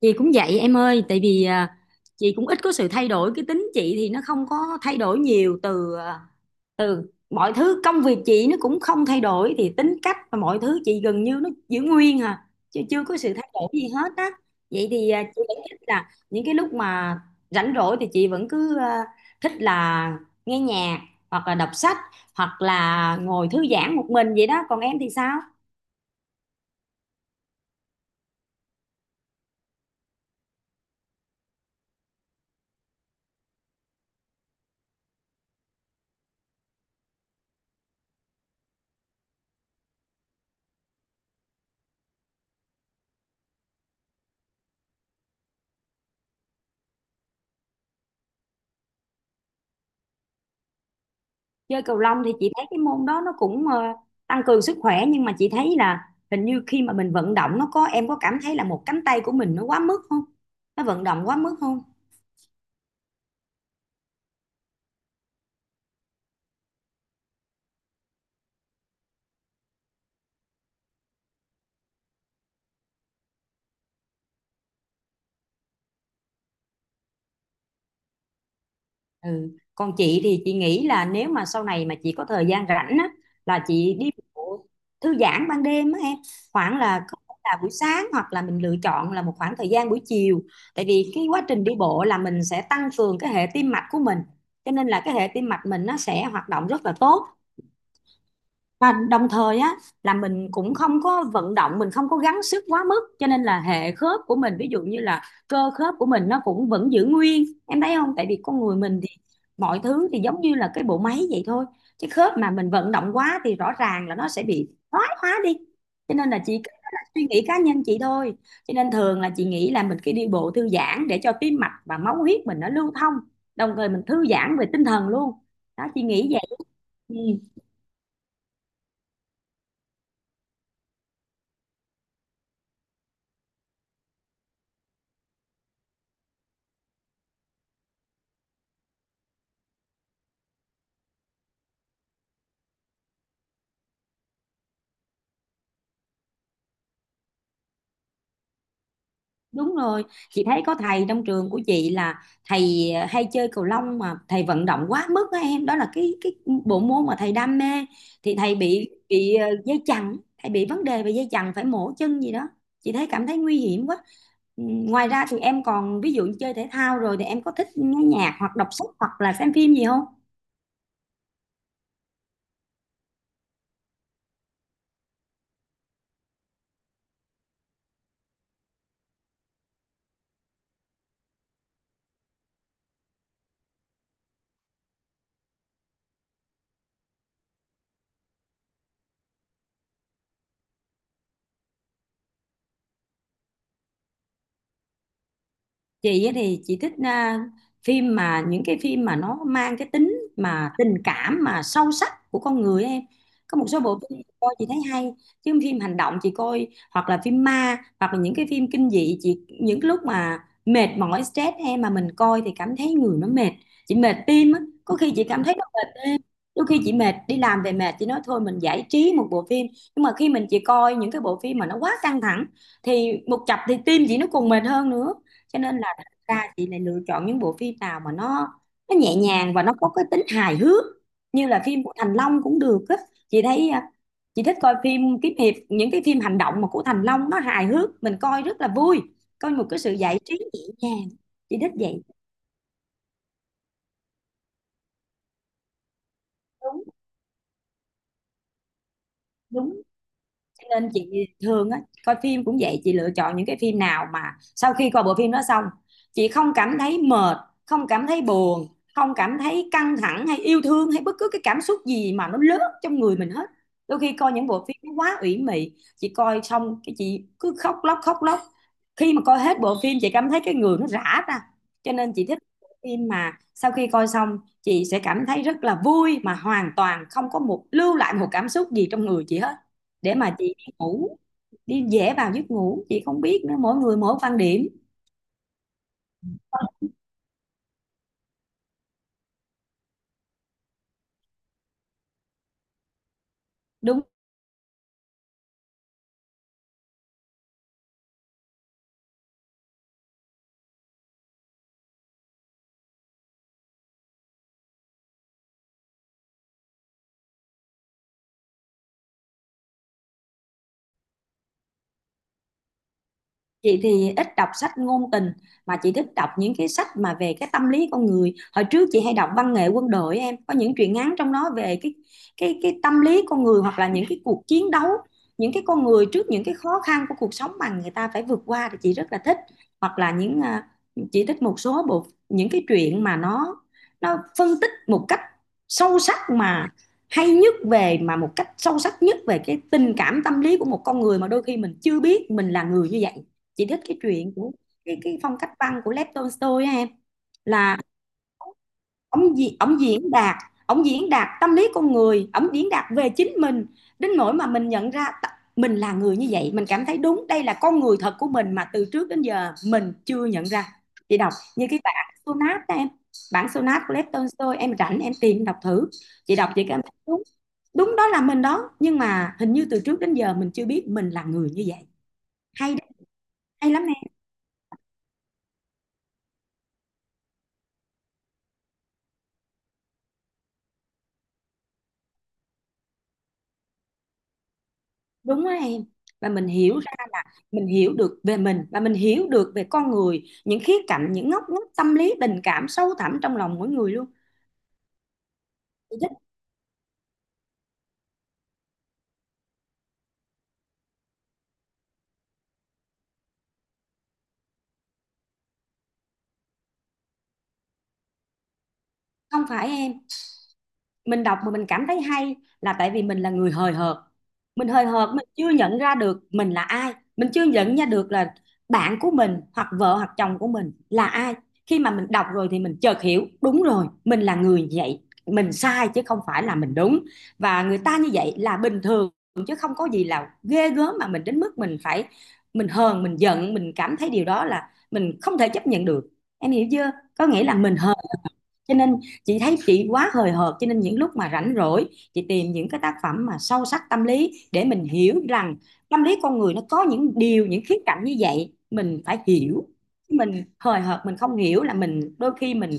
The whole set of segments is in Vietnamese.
Chị cũng vậy em ơi. Tại vì chị cũng ít có sự thay đổi, cái tính chị thì nó không có thay đổi nhiều. Từ mọi thứ công việc chị nó cũng không thay đổi, thì tính cách và mọi thứ chị gần như nó giữ nguyên à, chứ chưa có sự thay đổi gì hết á. Vậy thì chị vẫn thích là những cái lúc mà rảnh rỗi thì chị vẫn cứ thích là nghe nhạc, hoặc là đọc sách, hoặc là ngồi thư giãn một mình vậy đó. Còn em thì sao? Chơi cầu lông thì chị thấy cái môn đó nó cũng tăng cường sức khỏe, nhưng mà chị thấy là hình như khi mà mình vận động nó có, em có cảm thấy là một cánh tay của mình nó quá mức không, nó vận động quá mức không? Ừ, còn chị thì chị nghĩ là nếu mà sau này mà chị có thời gian rảnh á, là chị đi bộ thư giãn ban đêm á em, khoảng là có thể là buổi sáng, hoặc là mình lựa chọn là một khoảng thời gian buổi chiều. Tại vì cái quá trình đi bộ là mình sẽ tăng cường cái hệ tim mạch của mình, cho nên là cái hệ tim mạch mình nó sẽ hoạt động rất là tốt. Và đồng thời á, là mình cũng không có vận động, mình không có gắng sức quá mức, cho nên là hệ khớp của mình, ví dụ như là cơ khớp của mình nó cũng vẫn giữ nguyên, em thấy không? Tại vì con người mình thì mọi thứ thì giống như là cái bộ máy vậy thôi, chứ khớp mà mình vận động quá thì rõ ràng là nó sẽ bị thoái hóa đi. Cho nên là chị, cái đó là suy nghĩ cá nhân chị thôi, cho nên thường là chị nghĩ là mình cứ đi bộ thư giãn để cho tim mạch và máu huyết mình nó lưu thông, đồng thời mình thư giãn về tinh thần luôn. Đó, chị nghĩ vậy. Ừ. Đúng rồi, chị thấy có thầy trong trường của chị là thầy hay chơi cầu lông mà thầy vận động quá mức á em, đó là cái bộ môn mà thầy đam mê, thì thầy bị dây chằng, thầy bị vấn đề về dây chằng, phải mổ chân gì đó. Chị thấy, cảm thấy nguy hiểm quá. Ừ, ngoài ra thì em còn, ví dụ như chơi thể thao rồi thì em có thích nghe nhạc hoặc đọc sách hoặc là xem phim gì không? Chị á thì chị thích phim, mà những cái phim mà nó mang cái tính mà tình cảm mà sâu sắc của con người á em, có một số bộ phim chị coi chị thấy hay. Chứ phim hành động chị coi, hoặc là phim ma, hoặc là những cái phim kinh dị, chị những cái lúc mà mệt mỏi stress em, mà mình coi thì cảm thấy người nó mệt, chị mệt tim á, có khi chị cảm thấy nó mệt tim. Đôi khi chị mệt, đi làm về mệt, chị nói thôi mình giải trí một bộ phim, nhưng mà khi chị coi những cái bộ phim mà nó quá căng thẳng thì một chập thì tim chị nó còn mệt hơn nữa. Cho nên ra chị lại lựa chọn những bộ phim nào mà nó nhẹ nhàng và nó có cái tính hài hước, như là phim của Thành Long cũng được á. Chị thấy chị thích coi phim kiếm hiệp, những cái phim hành động mà của Thành Long nó hài hước, mình coi rất là vui, coi một cái sự giải trí nhẹ nhàng. Chị thích vậy. Đúng, đúng. Cho nên chị thường á, coi phim cũng vậy, chị lựa chọn những cái phim nào mà sau khi coi bộ phim đó xong, chị không cảm thấy mệt, không cảm thấy buồn, không cảm thấy căng thẳng hay yêu thương hay bất cứ cái cảm xúc gì mà nó lớn trong người mình hết. Đôi khi coi những bộ phim nó quá ủy mị, chị coi xong cái chị cứ khóc lóc khóc lóc. Khi mà coi hết bộ phim, chị cảm thấy cái người nó rã ra. Cho nên chị thích bộ phim mà sau khi coi xong, chị sẽ cảm thấy rất là vui, mà hoàn toàn không có một lưu lại một cảm xúc gì trong người chị hết, để mà chị ngủ, đi dễ vào giấc ngủ. Chị không biết nữa, mỗi người mỗi quan điểm. Đúng. Chị thì ít đọc sách ngôn tình, mà chị thích đọc những cái sách mà về cái tâm lý con người. Hồi trước chị hay đọc văn nghệ quân đội em, có những truyện ngắn trong đó về cái tâm lý con người, hoặc là những cái cuộc chiến đấu, những cái con người trước những cái khó khăn của cuộc sống mà người ta phải vượt qua, thì chị rất là thích. Hoặc là những chị thích một số bộ, những cái truyện mà nó phân tích một cách sâu sắc, mà hay nhất về, mà một cách sâu sắc nhất về cái tình cảm, tâm lý của một con người mà đôi khi mình chưa biết mình là người như vậy. Chị thích cái chuyện của cái phong cách văn của Lev Tolstoy á em, là ông gì, ông diễn đạt tâm lý con người, ông diễn đạt về chính mình đến nỗi mà mình nhận ra mình là người như vậy. Mình cảm thấy đúng, đây là con người thật của mình mà từ trước đến giờ mình chưa nhận ra. Chị đọc như cái bản Sonat đó em, bản Sonat của Lev Tolstoy, em rảnh em tìm đọc thử. Chị đọc chị cảm thấy đúng, đúng đó là mình đó, nhưng mà hình như từ trước đến giờ mình chưa biết mình là người như vậy. Hay đấy, hay lắm. Đúng á em, và mình hiểu ra là mình hiểu được về mình, và mình hiểu được về con người, những khía cạnh, những ngóc ngách tâm lý tình cảm sâu thẳm trong lòng mỗi người luôn. Chị thích. Không phải em, mình đọc mà mình cảm thấy hay là tại vì mình là người hời hợt. Mình hời hợt, mình chưa nhận ra được mình là ai, mình chưa nhận ra được là bạn của mình, hoặc vợ hoặc chồng của mình là ai. Khi mà mình đọc rồi thì mình chợt hiểu, đúng rồi, mình là người vậy, mình sai chứ không phải là mình đúng, và người ta như vậy là bình thường, chứ không có gì là ghê gớm mà mình đến mức mình phải, mình hờn mình giận, mình cảm thấy điều đó là mình không thể chấp nhận được. Em hiểu chưa? Có nghĩa là mình hờn. Cho nên chị thấy chị quá hời hợt, cho nên những lúc mà rảnh rỗi chị tìm những cái tác phẩm mà sâu sắc tâm lý để mình hiểu rằng tâm lý con người nó có những điều, những khía cạnh như vậy, mình phải hiểu. Mình hời hợt, mình không hiểu là mình đôi khi mình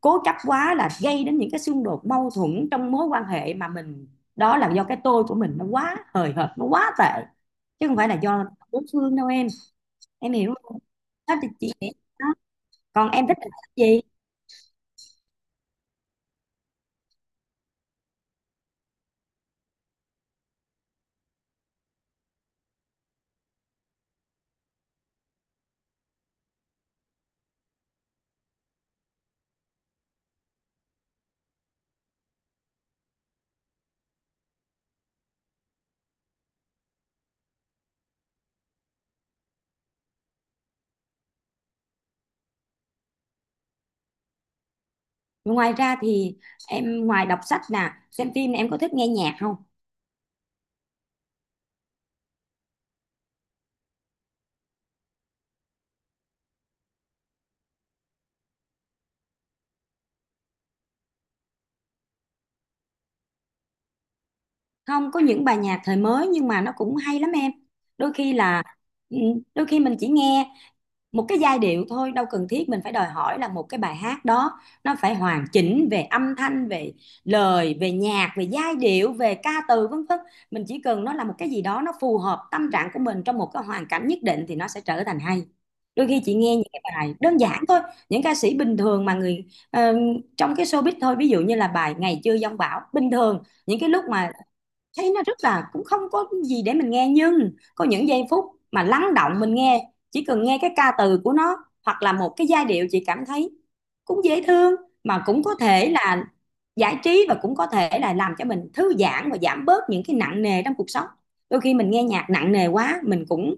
cố chấp quá, là gây đến những cái xung đột mâu thuẫn trong mối quan hệ mà mình, đó là do cái tôi của mình nó quá hời hợt, nó quá tệ, chứ không phải là do đối phương đâu em. Em hiểu không? Đó, thì chị nghĩ, đó, còn em thích làm gì? Ngoài ra thì em, ngoài đọc sách nè, xem phim nè, em có thích nghe nhạc không? Không, có những bài nhạc thời mới nhưng mà nó cũng hay lắm em. Đôi khi là ừ, đôi khi mình chỉ nghe một cái giai điệu thôi, đâu cần thiết mình phải đòi hỏi là một cái bài hát đó nó phải hoàn chỉnh về âm thanh, về lời, về nhạc, về giai điệu, về ca từ vân vân. Mình chỉ cần nó là một cái gì đó nó phù hợp tâm trạng của mình trong một cái hoàn cảnh nhất định thì nó sẽ trở thành hay. Đôi khi chị nghe những cái bài đơn giản thôi, những ca sĩ bình thường mà người ờ, trong cái showbiz thôi, ví dụ như là bài Ngày Chưa Giông Bão, bình thường những cái lúc mà thấy nó rất là cũng không có gì để mình nghe, nhưng có những giây phút mà lắng động mình nghe, chỉ cần nghe cái ca từ của nó hoặc là một cái giai điệu, chị cảm thấy cũng dễ thương, mà cũng có thể là giải trí, và cũng có thể là làm cho mình thư giãn và giảm bớt những cái nặng nề trong cuộc sống. Đôi khi mình nghe nhạc nặng nề quá mình cũng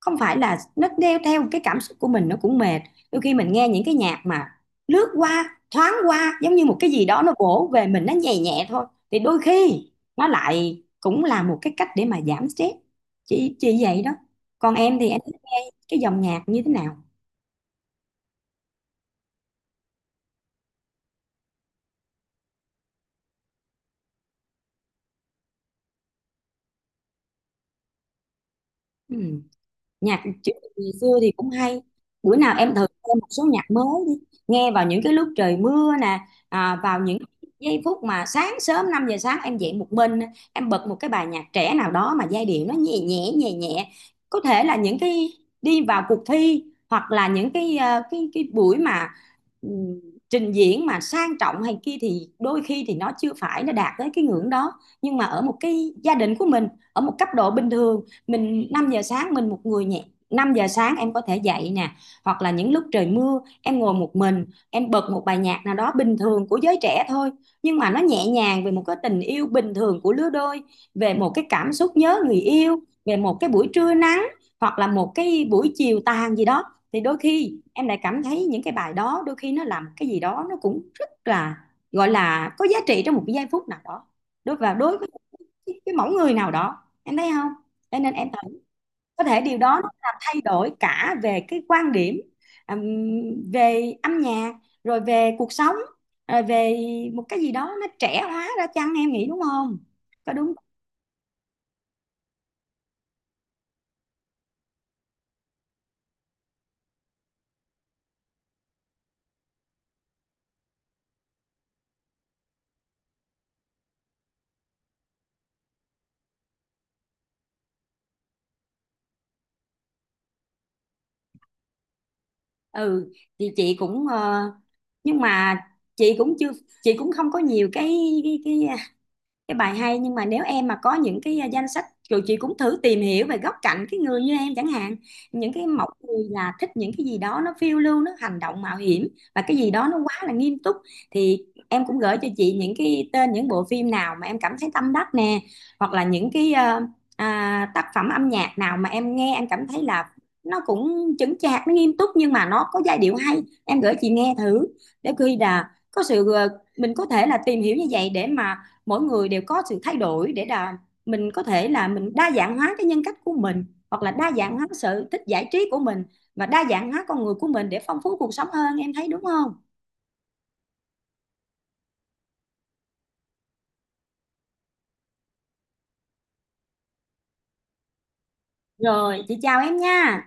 không phải là, nó đeo theo cái cảm xúc của mình nó cũng mệt. Đôi khi mình nghe những cái nhạc mà lướt qua, thoáng qua, giống như một cái gì đó nó vỗ về mình, nó nhẹ nhẹ thôi, thì đôi khi nó lại cũng là một cái cách để mà giảm stress. Chị vậy đó. Còn em thì em thích nghe cái dòng nhạc như thế nào? Ừ. Nhạc trữ ngày xưa thì cũng hay. Bữa nào em thử thêm một số nhạc mới đi, nghe vào những cái lúc trời mưa nè, vào những giây phút mà sáng sớm, 5 giờ sáng em dậy một mình, em bật một cái bài nhạc trẻ nào đó mà giai điệu nó nhẹ nhẹ nhẹ nhẹ. Có thể là những cái đi vào cuộc thi hoặc là những cái cái buổi mà ừm, trình diễn mà sang trọng hay kia, thì đôi khi thì nó chưa phải, nó đạt tới cái ngưỡng đó. Nhưng mà ở một cái gia đình của mình, ở một cấp độ bình thường, mình 5 giờ sáng mình một người nhẹ, 5 giờ sáng em có thể dậy nè, hoặc là những lúc trời mưa em ngồi một mình, em bật một bài nhạc nào đó bình thường của giới trẻ thôi, nhưng mà nó nhẹ nhàng về một cái tình yêu bình thường của lứa đôi, về một cái cảm xúc nhớ người yêu, về một cái buổi trưa nắng hoặc là một cái buổi chiều tàn gì đó, thì đôi khi em lại cảm thấy những cái bài đó, đôi khi nó làm cái gì đó nó cũng rất là, gọi là có giá trị trong một cái giây phút nào đó, đối với cái mẫu người nào đó, em thấy không? Cho nên em có thể điều đó nó làm thay đổi cả về cái quan điểm, ừm, về âm nhạc, rồi về cuộc sống, rồi về một cái gì đó nó trẻ hóa ra chăng, em nghĩ đúng không? Có đúng không? Ừ, thì chị cũng nhưng mà chị cũng chưa, chị cũng không có nhiều cái, cái, cái cái bài hay, nhưng mà nếu em mà có những cái danh sách rồi, chị cũng thử tìm hiểu về góc cạnh cái người như em chẳng hạn. Những cái mẫu người là thích những cái gì đó nó phiêu lưu, nó hành động mạo hiểm, và cái gì đó nó quá là nghiêm túc, thì em cũng gửi cho chị những cái tên những bộ phim nào mà em cảm thấy tâm đắc nè, hoặc là những cái tác phẩm âm nhạc nào mà em nghe em cảm thấy là nó cũng chững chạc, nó nghiêm túc, nhưng mà nó có giai điệu hay, em gửi chị nghe thử, để khi là có sự mình có thể là tìm hiểu như vậy, để mà mỗi người đều có sự thay đổi, để là mình có thể là mình đa dạng hóa cái nhân cách của mình, hoặc là đa dạng hóa sở thích giải trí của mình, và đa dạng hóa con người của mình để phong phú cuộc sống hơn, em thấy đúng không? Rồi, chị chào em nha.